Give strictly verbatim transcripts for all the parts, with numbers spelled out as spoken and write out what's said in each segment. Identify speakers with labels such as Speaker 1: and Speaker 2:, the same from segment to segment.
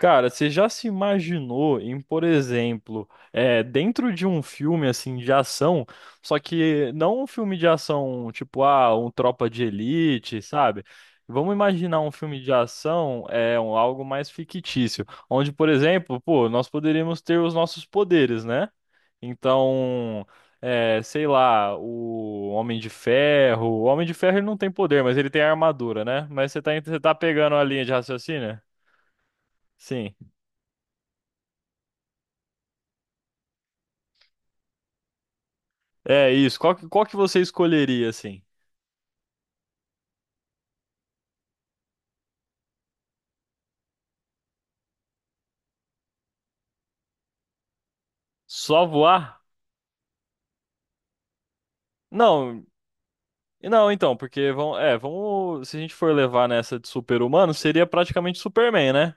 Speaker 1: Cara, você já se imaginou em, por exemplo, é, dentro de um filme assim de ação, só que não um filme de ação tipo, ah, um Tropa de Elite, sabe? Vamos imaginar um filme de ação, é um, algo mais fictício, onde, por exemplo, pô, nós poderíamos ter os nossos poderes, né? Então, é, sei lá, o Homem de Ferro, o Homem de Ferro ele não tem poder, mas ele tem armadura, né? Mas você tá, você tá pegando a linha de raciocínio? Sim. É isso. Qual que, qual que você escolheria, assim? Só voar? Não, não, então, porque vão, é, vamos, se a gente for levar nessa de super-humano, seria praticamente Superman, né?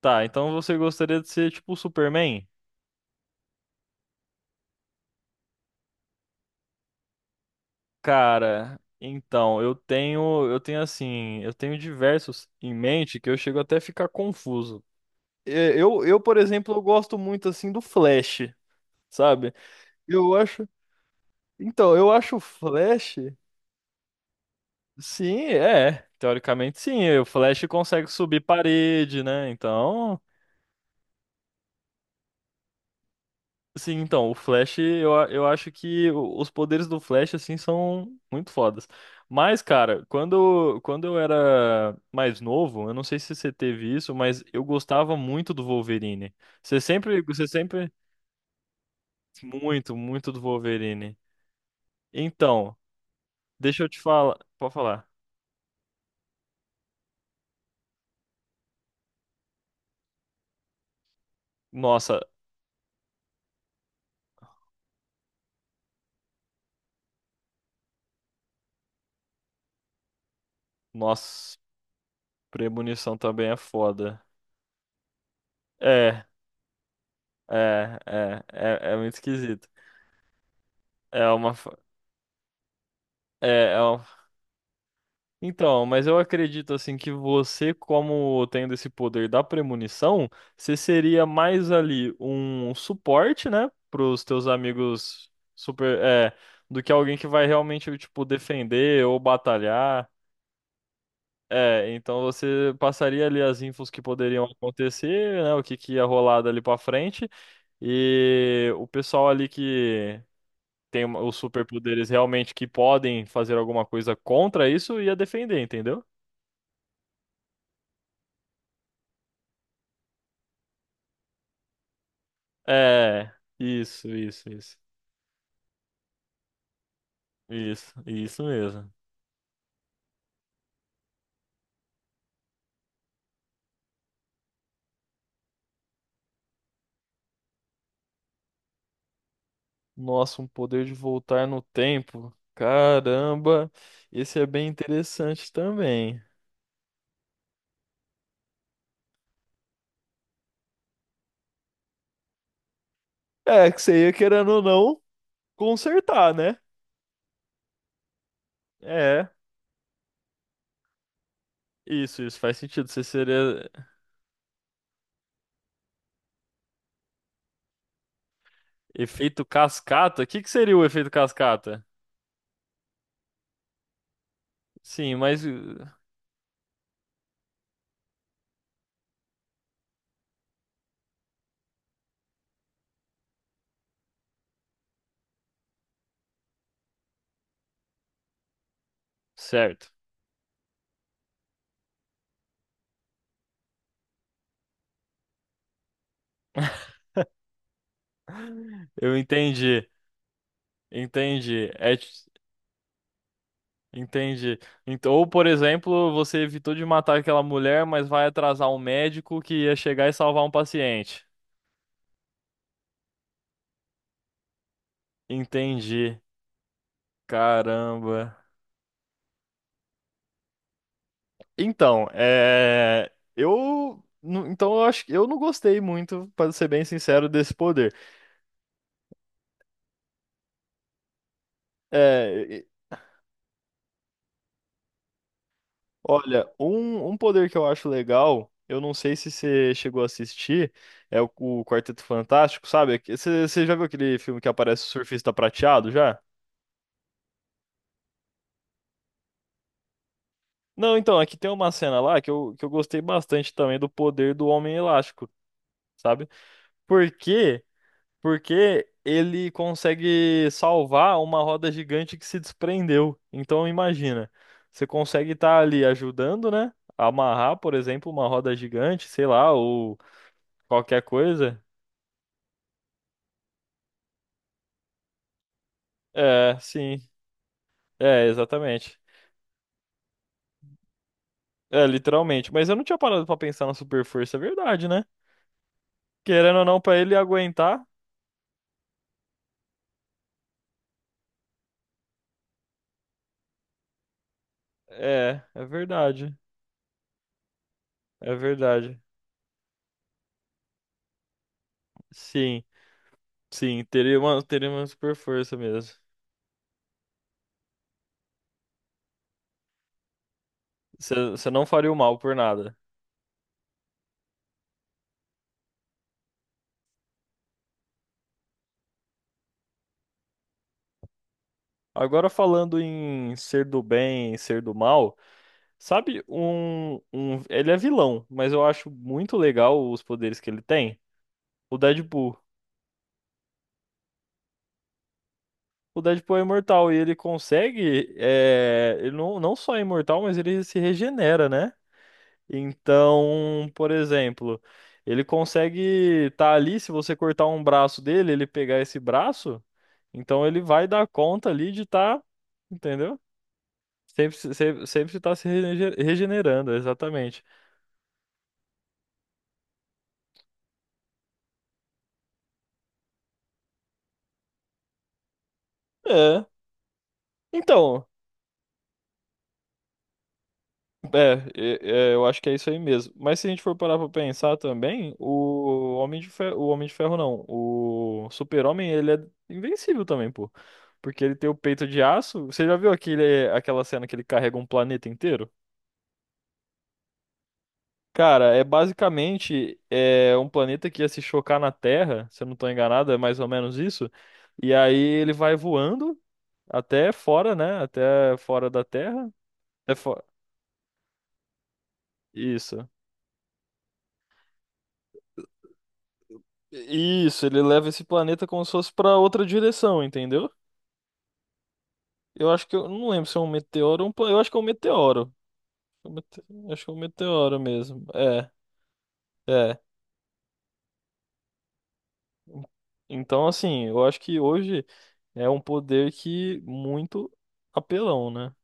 Speaker 1: Tá, então você gostaria de ser tipo o Superman? Cara, então, eu tenho, eu tenho assim, eu tenho diversos em mente que eu chego até a ficar confuso. É, Eu, eu, por exemplo, eu gosto muito assim do Flash, sabe? Eu acho, então, eu acho o Flash. Sim, é. Teoricamente, sim. E o Flash consegue subir parede, né? Então, sim, então, o Flash, eu, a- eu acho que o- os poderes do Flash, assim, são muito fodas. Mas, cara, quando, quando eu era mais novo, eu não sei se você teve isso, mas eu gostava muito do Wolverine. Você sempre, você sempre, muito, muito do Wolverine. Então, deixa eu te falar, pode falar. Nossa, nossa, premonição também é foda. É. É, é, é, é muito esquisito. É uma, fa- é, é uma... Então, mas eu acredito assim que você, como tendo esse poder da premonição, você seria mais ali um suporte, né, pros teus amigos super, é, do que alguém que vai realmente tipo defender ou batalhar. É, então você passaria ali as infos que poderiam acontecer, né, o que que ia rolar dali pra frente e o pessoal ali que tem uma- os superpoderes realmente que podem fazer alguma coisa contra isso, ia defender, entendeu? É, isso, isso, isso. Isso, isso mesmo. Nossa, um poder de voltar no tempo. Caramba, esse é bem interessante também. É, que você ia querendo ou não consertar, né? É, isso, isso faz sentido. Você seria efeito cascata? O que que seria o efeito cascata? Sim, mas uh, certo. Eu entendi, entendi. É, t- entendi. Então, ou, por exemplo, você evitou de matar aquela mulher, mas vai atrasar um médico que ia chegar e salvar um paciente. Entendi. Caramba. Então, é. Eu. nu- Então, eu acho que eu não gostei muito, para ser bem sincero, desse poder. É. e- Olha, um, um poder que eu acho legal, eu não sei se você chegou a assistir, é o, o Quarteto Fantástico, sabe? Aque- Você você já viu aquele filme que aparece o surfista prateado já? Não, então, aqui tem uma cena lá que eu, que eu gostei bastante também do poder do Homem Elástico, sabe? Por quê? Porque ele consegue salvar uma roda gigante que se desprendeu. Então, imagina, você consegue estar ali ajudando, né? A amarrar, por exemplo, uma roda gigante, sei lá, ou qualquer coisa. É, sim. É, exatamente. É, literalmente. Mas eu não tinha parado pra pensar na super força, é verdade, né? Querendo ou não, pra ele aguentar. É, é verdade. É verdade. Sim, sim, teria uma, teria uma super força mesmo. Você não faria o mal por nada. Agora falando em ser do bem, ser do mal, sabe um, um, ele é vilão, mas eu acho muito legal os poderes que ele tem. O Deadpool. O Deadpool é imortal e ele consegue, é, ele não, não só é imortal, mas ele se regenera, né? Então, por exemplo, ele consegue estar ali, se você cortar um braço dele, ele pegar esse braço, então ele vai dar conta ali de estar, entendeu? Sempre, se- sempre, sempre tá se regener- regenerando, exatamente. É. Então, É, é, é, eu acho que é isso aí mesmo. Mas se a gente for parar pra pensar também, o Homem de Ferro, o Homem de Ferro não, o Super-Homem, ele é invencível também, pô. Porque ele tem o peito de aço. Você já viu aquele, aquela cena que ele carrega um planeta inteiro? Cara, é basicamente é, um planeta que ia se chocar na Terra, se eu não tô enganado, é mais ou menos isso. E aí ele vai voando até fora, né? Até fora da Terra. Até fora. Isso. Isso, ele leva esse planeta como se fosse pra outra direção, entendeu? Eu acho que eu não lembro se é um meteoro ou um planeta. Eu acho que é um meteoro. Eu mete- Acho que é um meteoro mesmo. É, é. Então, assim, eu acho que hoje é um poder que muito apelão, né?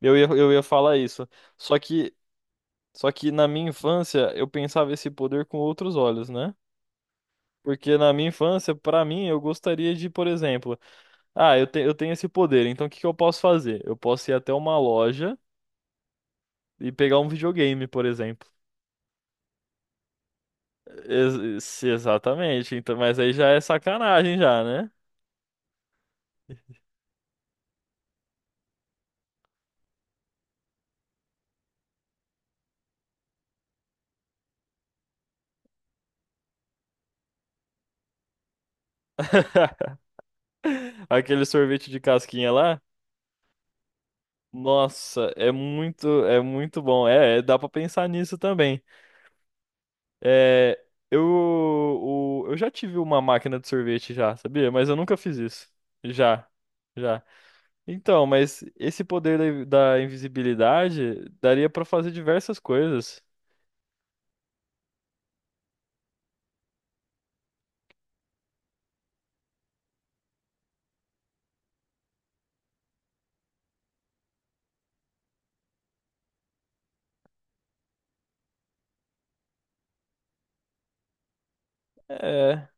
Speaker 1: Eu ia, eu ia falar isso. Só que, só que na minha infância eu pensava esse poder com outros olhos, né? Porque na minha infância, pra mim, eu gostaria de, por exemplo, Ah, eu, te, eu tenho esse poder, então o que que eu posso fazer? Eu posso ir até uma loja e pegar um videogame, por exemplo. Ex- se- exatamente, então, mas aí já é sacanagem já, né? Aquele sorvete de casquinha lá? Nossa, é muito, é muito bom. É, é, dá pra pensar nisso também. É, eu, o- eu já tive uma máquina de sorvete já, sabia? Mas eu nunca fiz isso. Já, já. Então, mas esse poder da, da invisibilidade daria pra fazer diversas coisas. É.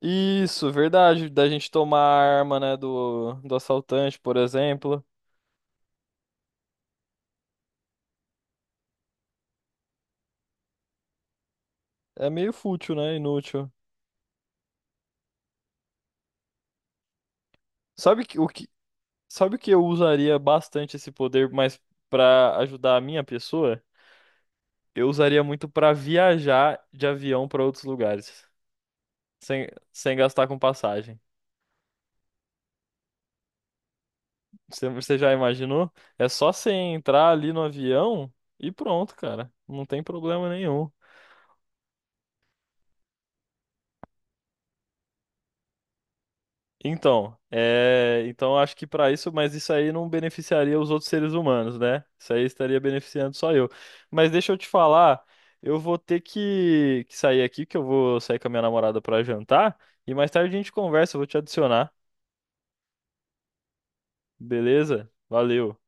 Speaker 1: Isso, verdade. Da gente tomar a arma, né, do, do assaltante, por exemplo. É meio fútil, né? Inútil. Sabe que, o que, sabe o que eu usaria bastante esse poder, mas pra ajudar a minha pessoa? Eu usaria muito pra viajar de avião pra outros lugares, sem, sem gastar com passagem. Você você já imaginou? É só você entrar ali no avião e pronto, cara. Não tem problema nenhum. Então, é, então acho que para isso, mas isso aí não beneficiaria os outros seres humanos, né? Isso aí estaria beneficiando só eu. Mas deixa eu te falar, eu vou ter que, que sair aqui, que eu vou sair com a minha namorada para jantar e mais tarde a gente conversa, eu vou te adicionar, beleza? Valeu.